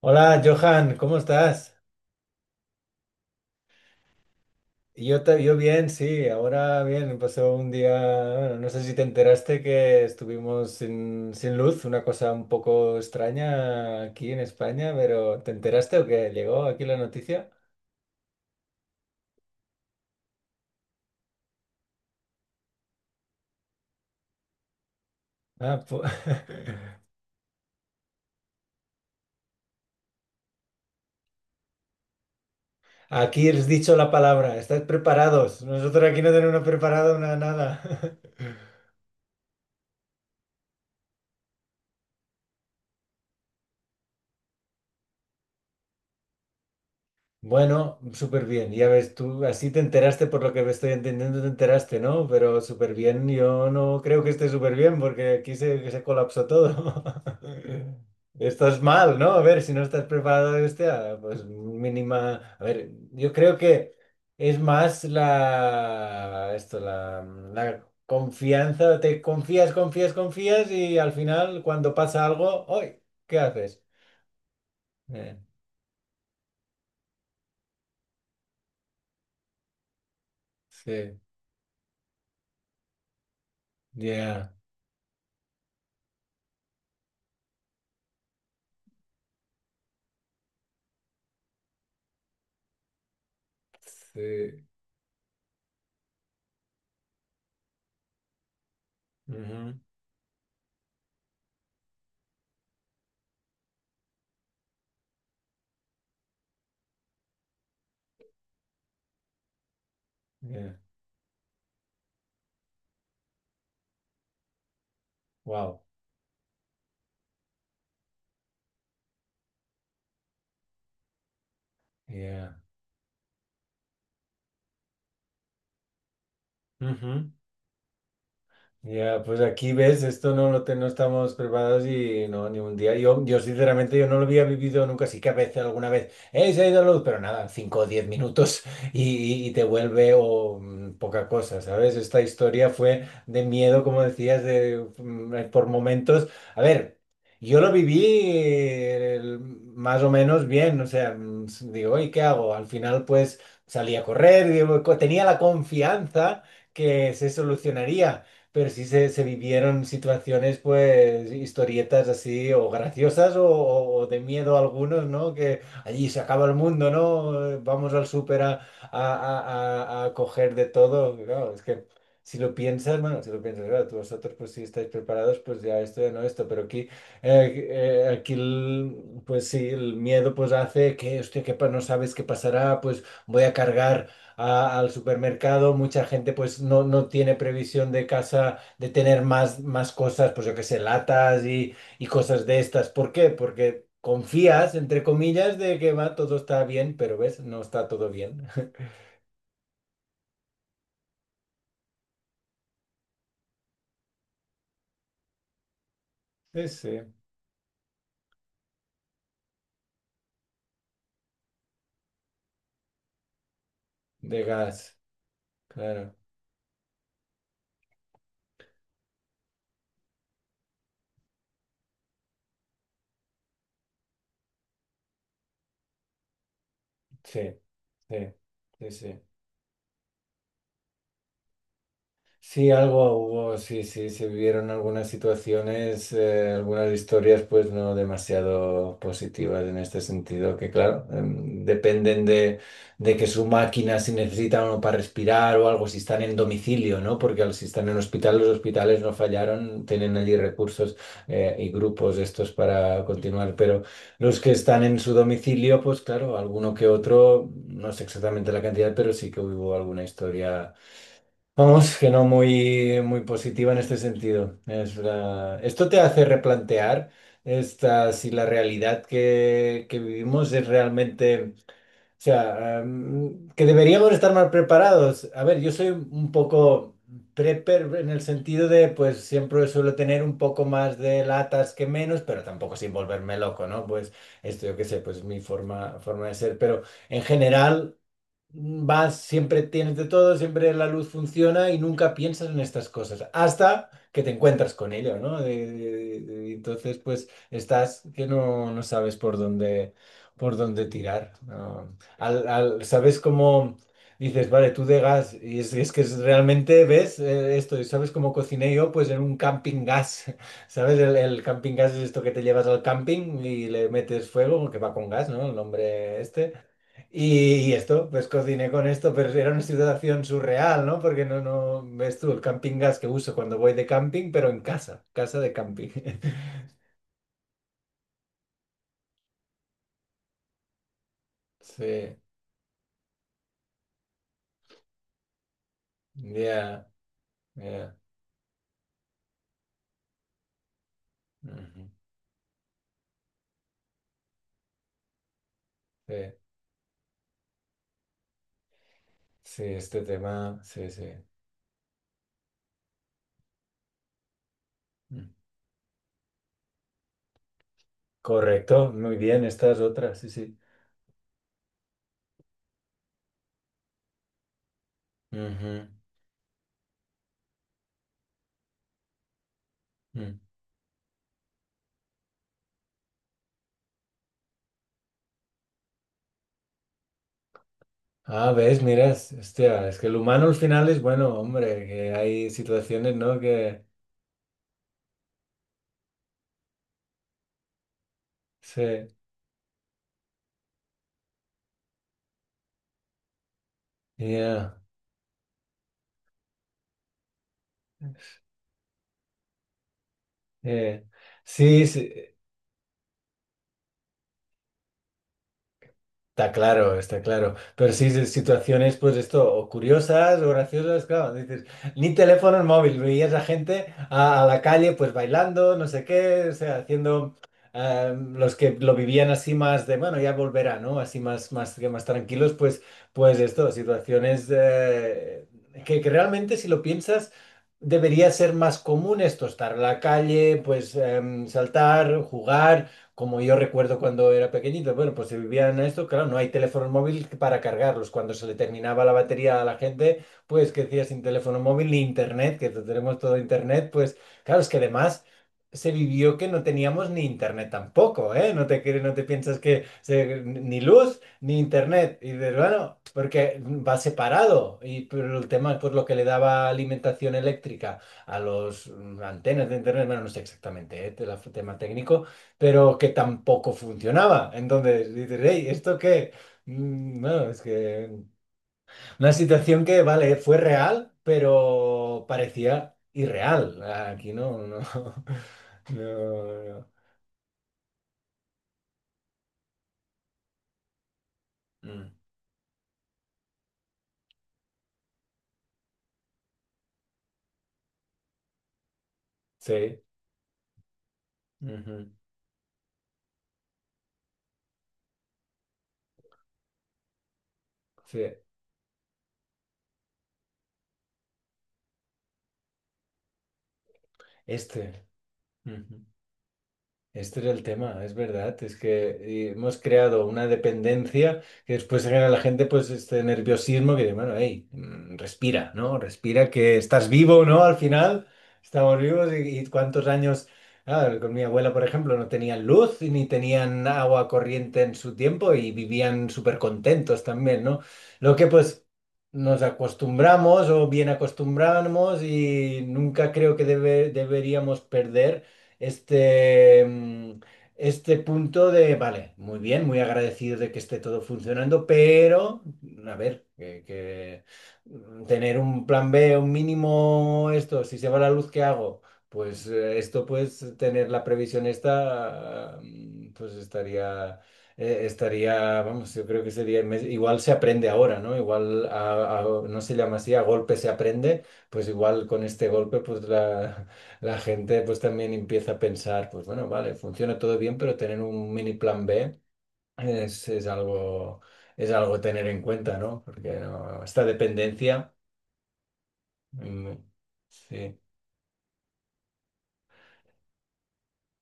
Hola, Johan, ¿cómo estás? Yo bien, sí, ahora bien, pasó un día, bueno, no sé si te enteraste que estuvimos sin luz, una cosa un poco extraña aquí en España, pero ¿te enteraste o qué? ¿Llegó aquí la noticia? Ah, pu- Aquí has dicho la palabra, estáis preparados, nosotros aquí no tenemos preparado nada. Bueno, súper bien. Ya ves, tú así te enteraste por lo que me estoy entendiendo, te enteraste, ¿no? Pero súper bien, yo no creo que esté súper bien porque aquí se colapsó todo. Estás mal, ¿no? A ver, si no estás preparado, hostia, pues mínima. A ver, yo creo que es más la confianza. Te confías, confías, confías y al final cuando pasa algo, ¡ay! ¿Qué haces? Eh, sí, ya. Sí. Hmm. Yeah. Wow. Yeah. Hmm. Ya, pues aquí ves, esto no estamos preparados y no, ni un día. Yo sinceramente, yo no lo había vivido nunca, sí que a veces, alguna vez, ¡eh, se ha ido la luz! Pero nada, 5 o 10 minutos y, y te vuelve o poca cosa, ¿sabes? Esta historia fue de miedo, como decías, por momentos. A ver, yo lo viví más o menos bien, o sea, digo, ¿y qué hago? Al final, pues salí a correr, digo, tenía la confianza que se solucionaría, pero sí se vivieron situaciones, pues, historietas así, o graciosas, o de miedo a algunos, ¿no? Que allí se acaba el mundo, ¿no? Vamos al súper a coger de todo. Claro, es que si lo piensas, bueno, si lo piensas, claro, tú vosotros, pues, si estáis preparados, pues ya esto, ya no esto, pero aquí, aquí, pues sí, el miedo, pues, hace que, hostia, que no sabes qué pasará, pues, voy a cargar al supermercado, mucha gente pues no, no tiene previsión de casa de tener más, más cosas, pues yo qué sé, latas y cosas de estas. ¿Por qué? Porque confías, entre comillas, de que va, todo está bien, pero ves, no está todo bien. Sí, sí, de gas, claro. Sí, sí, sí, sí. Sí, algo hubo, sí, sí, se vivieron algunas situaciones, algunas historias pues no demasiado positivas en este sentido, que claro, dependen de que su máquina si necesita uno para respirar o algo, si están en domicilio, ¿no? Porque si están en hospital, los hospitales no fallaron, tienen allí recursos y grupos estos para continuar, pero los que están en su domicilio, pues claro, alguno que otro, no sé exactamente la cantidad, pero sí que hubo alguna historia. Vamos, que no muy, muy positiva en este sentido. Esto te hace replantear esta, si la realidad que vivimos es realmente, o sea, que deberíamos estar más preparados. A ver, yo soy un poco prepper en el sentido de, pues siempre suelo tener un poco más de latas que menos, pero tampoco sin volverme loco, ¿no? Pues esto yo qué sé, pues mi forma de ser, pero en general vas, siempre tienes de todo, siempre la luz funciona y nunca piensas en estas cosas, hasta que te encuentras con ello, ¿no? Entonces, pues estás que no, no sabes por dónde tirar, ¿no? Sabes cómo dices, vale, tú de gas, y es que es realmente ves esto, y sabes cómo cociné yo, pues en un camping gas, ¿sabes? El camping gas es esto que te llevas al camping y le metes fuego, que va con gas, ¿no? El nombre este. Y esto, pues cociné con esto, pero era una situación surreal, ¿no? Porque no, no, ves tú el camping gas que uso cuando voy de camping, pero en casa, casa de camping. Sí, ya, ya. Ujú. Sí, sí, este tema, sí, sí. Mm. Correcto, muy bien, esta es otra, sí, sí. Ujú. Mm. Ah, ves, miras, hostia, es que el humano al final es bueno, hombre, que hay situaciones, ¿no? Que, sí, ya, eh, sí, sí. Está claro, está claro. Pero sí, sí, situaciones, pues esto, o curiosas o graciosas, claro, dices, ni teléfono ni móvil, veías a gente a la calle, pues bailando, no sé qué, o sea, haciendo los que lo vivían así más de, bueno, ya volverá, ¿no? Así más, más, que más tranquilos, pues, pues esto, situaciones que realmente si lo piensas, debería ser más común esto, estar en la calle, pues saltar, jugar como yo recuerdo cuando era pequeñito, bueno, pues se vivían a esto, claro, no hay teléfono móvil para cargarlos. Cuando se le terminaba la batería a la gente, pues que decía sin teléfono móvil ni internet, que tenemos todo internet, pues claro, es que además se vivió que no teníamos ni internet tampoco, ¿eh? No te, no te piensas que ni luz ni internet. Y dices, bueno, porque va separado. Y pero el tema, pues lo que le daba alimentación eléctrica a los antenas de internet, bueno, no sé exactamente, ¿eh? Tema técnico pero que tampoco funcionaba. Entonces dices, hey, ¿esto qué? Bueno, es que una situación que, vale, fue real, pero parecía irreal. Aquí no, no, no, no. Mm, Sí, ujú, sí, este. Ujú. Este era el tema, es verdad, es que hemos creado una dependencia que después genera la gente pues este nerviosismo que dice, bueno, hey, respira, ¿no? Respira que estás vivo, ¿no? Al final estamos vivos y cuántos años, ah, con mi abuela, por ejemplo, no tenían luz y ni tenían agua corriente en su tiempo y vivían súper contentos también, ¿no? Lo que pues nos acostumbramos o bien acostumbramos y nunca creo que deberíamos perder este, este punto de, vale, muy bien, muy agradecido de que esté todo funcionando, pero, a ver, tener un plan B, un mínimo, esto, si se va la luz, ¿qué hago? Pues esto, pues tener la previsión esta, pues estaría estaría, vamos, yo creo que sería, igual se aprende ahora, ¿no? Igual no se llama así, a golpe se aprende, pues igual con este golpe, pues la gente pues también empieza a pensar, pues bueno, vale, funciona todo bien, pero tener un mini plan B es, es algo, es algo a tener en cuenta, ¿no? Porque no, esta dependencia, mm, sí.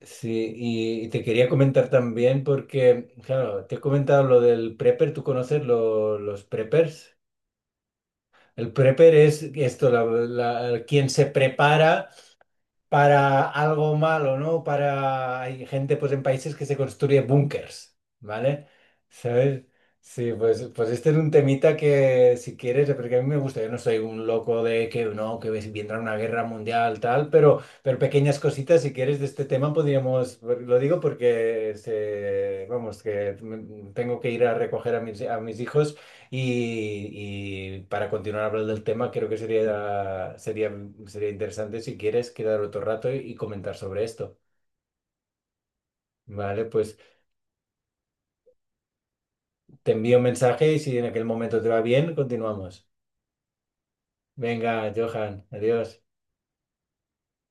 Sí, y te quería comentar también porque, claro, te he comentado lo del prepper, ¿tú conoces los preppers? El prepper es esto, quien se prepara para algo malo, ¿no? Para... Hay gente, pues, en países que se construye búnkers, ¿vale? ¿Sabes? Sí, pues, pues este es un temita que, si quieres, porque a mí me gusta, yo no soy un loco de que, no, que vendrá una guerra mundial, tal, pero pequeñas cositas, si quieres, de este tema podríamos, pues, lo digo porque, se, vamos, que tengo que ir a recoger a mis hijos. Y para continuar hablando del tema, creo que sería interesante si quieres quedar otro rato y comentar sobre esto. Vale, pues te envío un mensaje y si en aquel momento te va bien, continuamos. Venga, Johan, adiós.